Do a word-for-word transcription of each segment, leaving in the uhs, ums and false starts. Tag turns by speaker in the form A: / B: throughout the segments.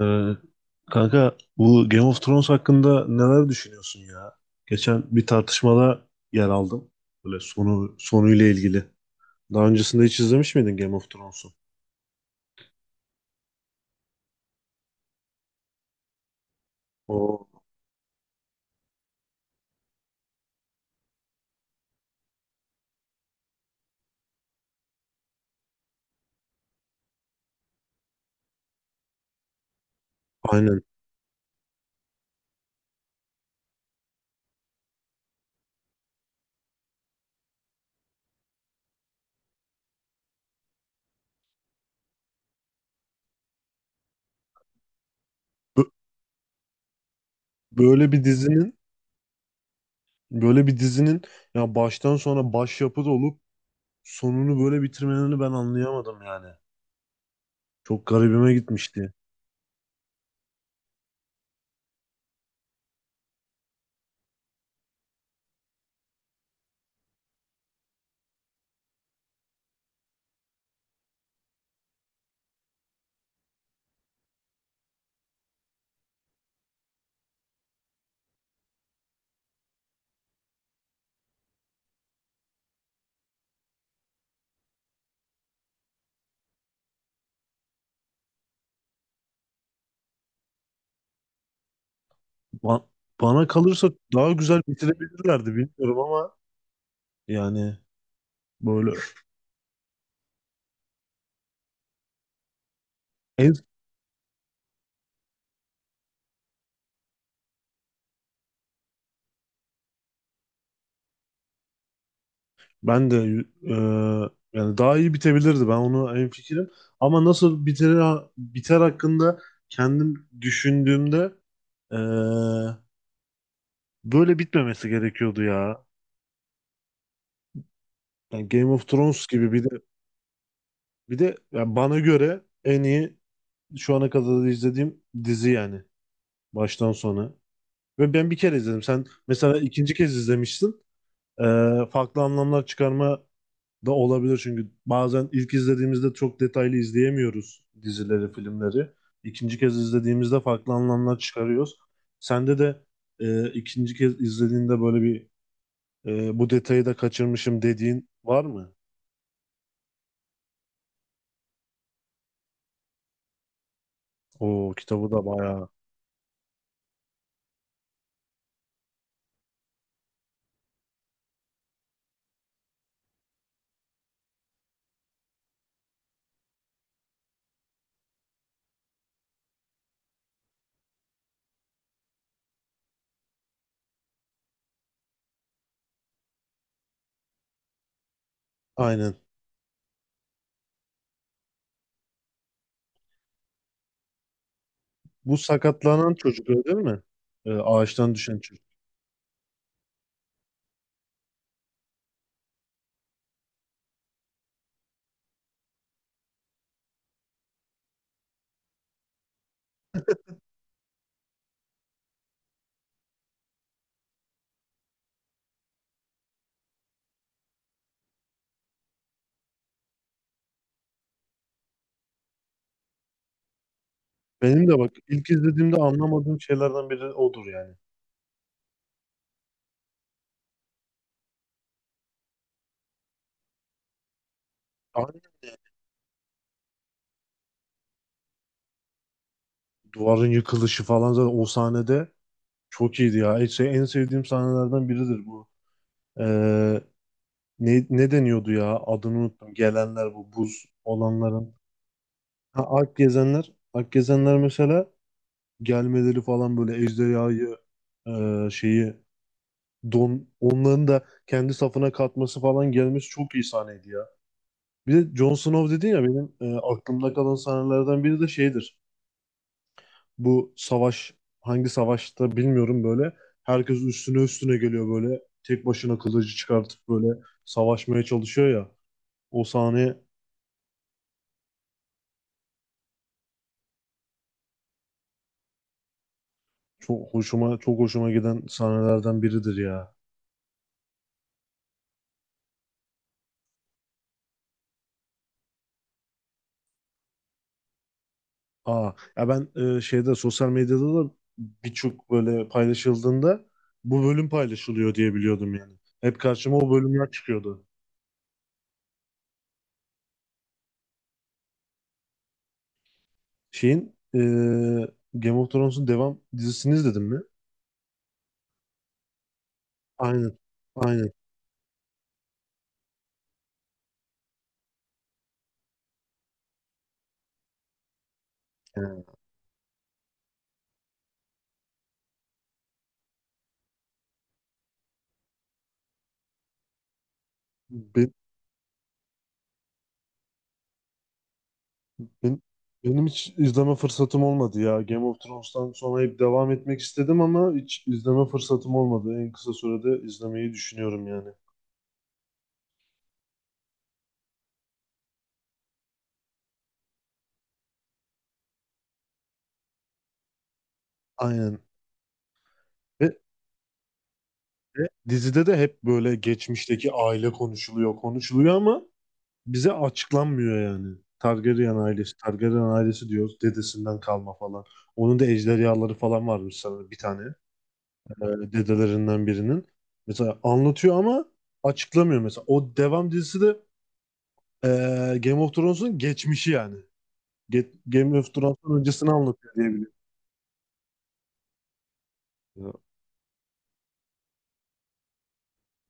A: Ee, kanka bu Game of Thrones hakkında neler düşünüyorsun ya? Geçen bir tartışmada yer aldım. Böyle sonu sonuyla ilgili. Daha öncesinde hiç izlemiş miydin Game of Thrones'u? O aynen. Bö- böyle bir dizinin böyle bir dizinin ya baştan sona başyapıt olup sonunu böyle bitirmelerini ben anlayamadım yani. Çok garibime gitmişti. Ba- Bana kalırsa daha güzel bitirebilirlerdi, bilmiyorum ama yani böyle en. Ben de e, yani daha iyi bitebilirdi. Ben onu en fikrim. Ama nasıl biter biter hakkında kendim düşündüğümde e, böyle bitmemesi gerekiyordu ya. Yani Game of Thrones gibi bir de bir de yani bana göre en iyi şu ana kadar izlediğim dizi yani baştan sona. Ve ben bir kere izledim. Sen mesela ikinci kez izlemişsin. E, farklı anlamlar çıkarma da olabilir çünkü bazen ilk izlediğimizde çok detaylı izleyemiyoruz dizileri, filmleri. İkinci kez izlediğimizde farklı anlamlar çıkarıyoruz. Sende de e, ikinci kez izlediğinde böyle bir, e, bu detayı da kaçırmışım dediğin var mı? O kitabı da bayağı. Aynen. Bu sakatlanan çocuk öyle değil mi? E, ağaçtan düşen çocuk. Benim de bak ilk izlediğimde anlamadığım şeylerden biri odur yani. Aynen. Yani. Duvarın yıkılışı falan zaten o sahnede çok iyiydi ya. E, Şey, en sevdiğim sahnelerden biridir bu. Ee, ne, ne deniyordu ya? Adını unuttum. Gelenler bu buz olanların. Ha, Alp gezenler. Alp gezenler mesela gelmeleri falan, böyle ejderhayı e, şeyi don, onların da kendi safına katması falan, gelmesi çok iyi sahneydi ya. Bir de Jon Snow dedin ya, benim e, aklımda kalan sahnelerden biri de şeydir. Bu savaş hangi savaşta bilmiyorum, böyle. Herkes üstüne üstüne geliyor böyle. Tek başına kılıcı çıkartıp böyle savaşmaya çalışıyor ya. O sahne çok hoşuma çok hoşuma giden sahnelerden biridir ya. Aa, ya ben e, şeyde, sosyal medyada da birçok böyle paylaşıldığında bu bölüm paylaşılıyor diye biliyordum yani. Hep karşıma o bölümler çıkıyordu. Şeyin, e, Game of Thrones'un devam dizisini izledin mi? Aynen. Aynen. Yani. Ben- Benim hiç izleme fırsatım olmadı ya. Game of Thrones'tan sonra hep devam etmek istedim ama hiç izleme fırsatım olmadı. En kısa sürede izlemeyi düşünüyorum yani. Aynen. Ve, ve dizide de hep böyle geçmişteki aile konuşuluyor, konuşuluyor ama bize açıklanmıyor yani. Targaryen ailesi, Targaryen ailesi diyoruz. Dedesinden kalma falan. Onun da ejderhaları falan varmış sanırım, bir tane. Ee, dedelerinden birinin. Mesela anlatıyor ama açıklamıyor mesela. O devam dizisi de Ee, Game of Thrones'un geçmişi yani. Ge- Game of Thrones'un öncesini anlatıyor diye biliyorum. Ya,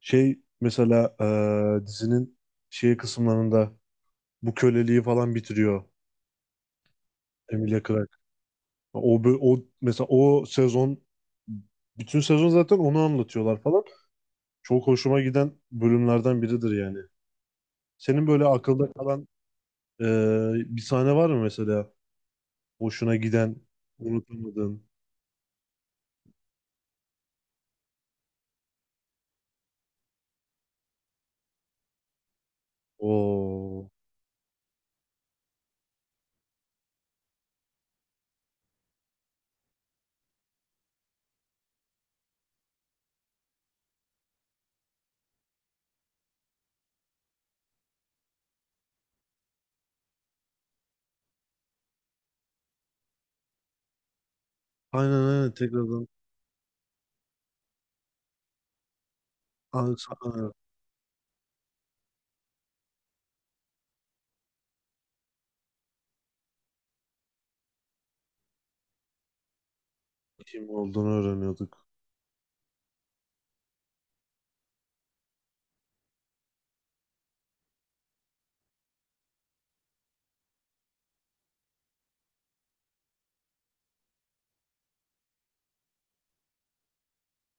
A: şey mesela ee, dizinin şey kısımlarında bu köleliği falan bitiriyor Emilia Clarke. O, bö- o mesela o sezon, bütün sezon zaten onu anlatıyorlar falan. Çok hoşuma giden bölümlerden biridir yani. Senin böyle akılda kalan ee, bir sahne var mı mesela? Hoşuna giden, unutamadığın. O aynen aynen, tekrardan. Kim olduğunu öğreniyorduk.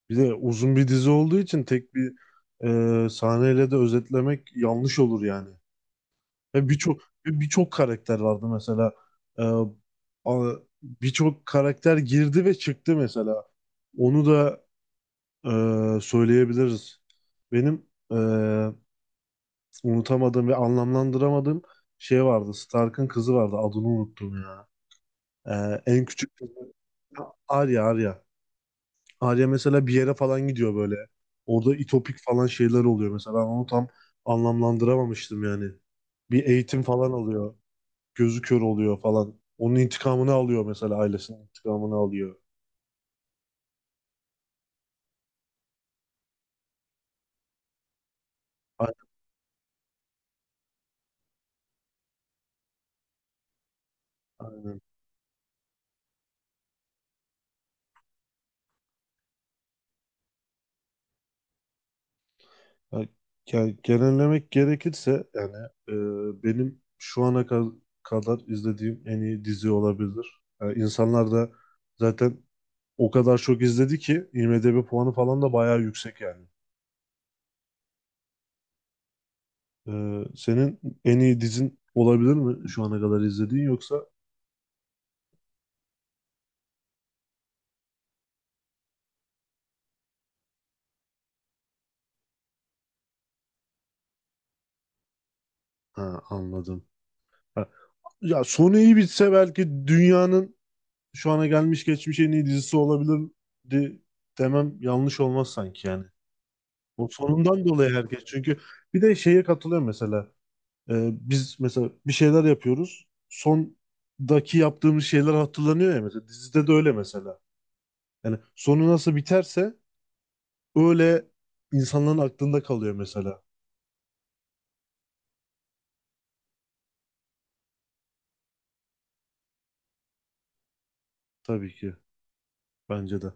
A: Bir de uzun bir dizi olduğu için tek bir e, sahneyle de özetlemek yanlış olur yani. Ve birçok ve birçok karakter vardı mesela. E, a- birçok karakter girdi ve çıktı mesela. Onu da e, söyleyebiliriz. Benim e, unutamadığım ve anlamlandıramadığım şey vardı. Stark'ın kızı vardı. Adını unuttum ya. E, en küçük kızı Arya. Arya. Arya mesela bir yere falan gidiyor böyle. Orada itopik falan şeyler oluyor mesela. Ben onu tam anlamlandıramamıştım yani. Bir eğitim falan alıyor. Gözü kör oluyor falan. Onun intikamını alıyor mesela, ailesinin intikamını alıyor. A- Aynen. Ya, ge- genellemek gerekirse yani e, benim şu ana ka- kadar izlediğim en iyi dizi olabilir. Yani insanlar da zaten o kadar çok izledi ki I M D b puanı falan da bayağı yüksek yani. Ee, senin en iyi dizin olabilir mi şu ana kadar izlediğin yoksa? Ha, anladım. Ha, ya sonu iyi bitse belki dünyanın şu ana gelmiş geçmiş en iyi dizisi olabilirdi demem yanlış olmaz sanki yani. O sonundan dolayı herkes çünkü bir de şeye katılıyor mesela, ee, biz mesela bir şeyler yapıyoruz. Sondaki yaptığımız şeyler hatırlanıyor ya mesela. Dizide de öyle mesela. Yani sonu nasıl biterse öyle insanların aklında kalıyor mesela. Tabii ki. Bence de.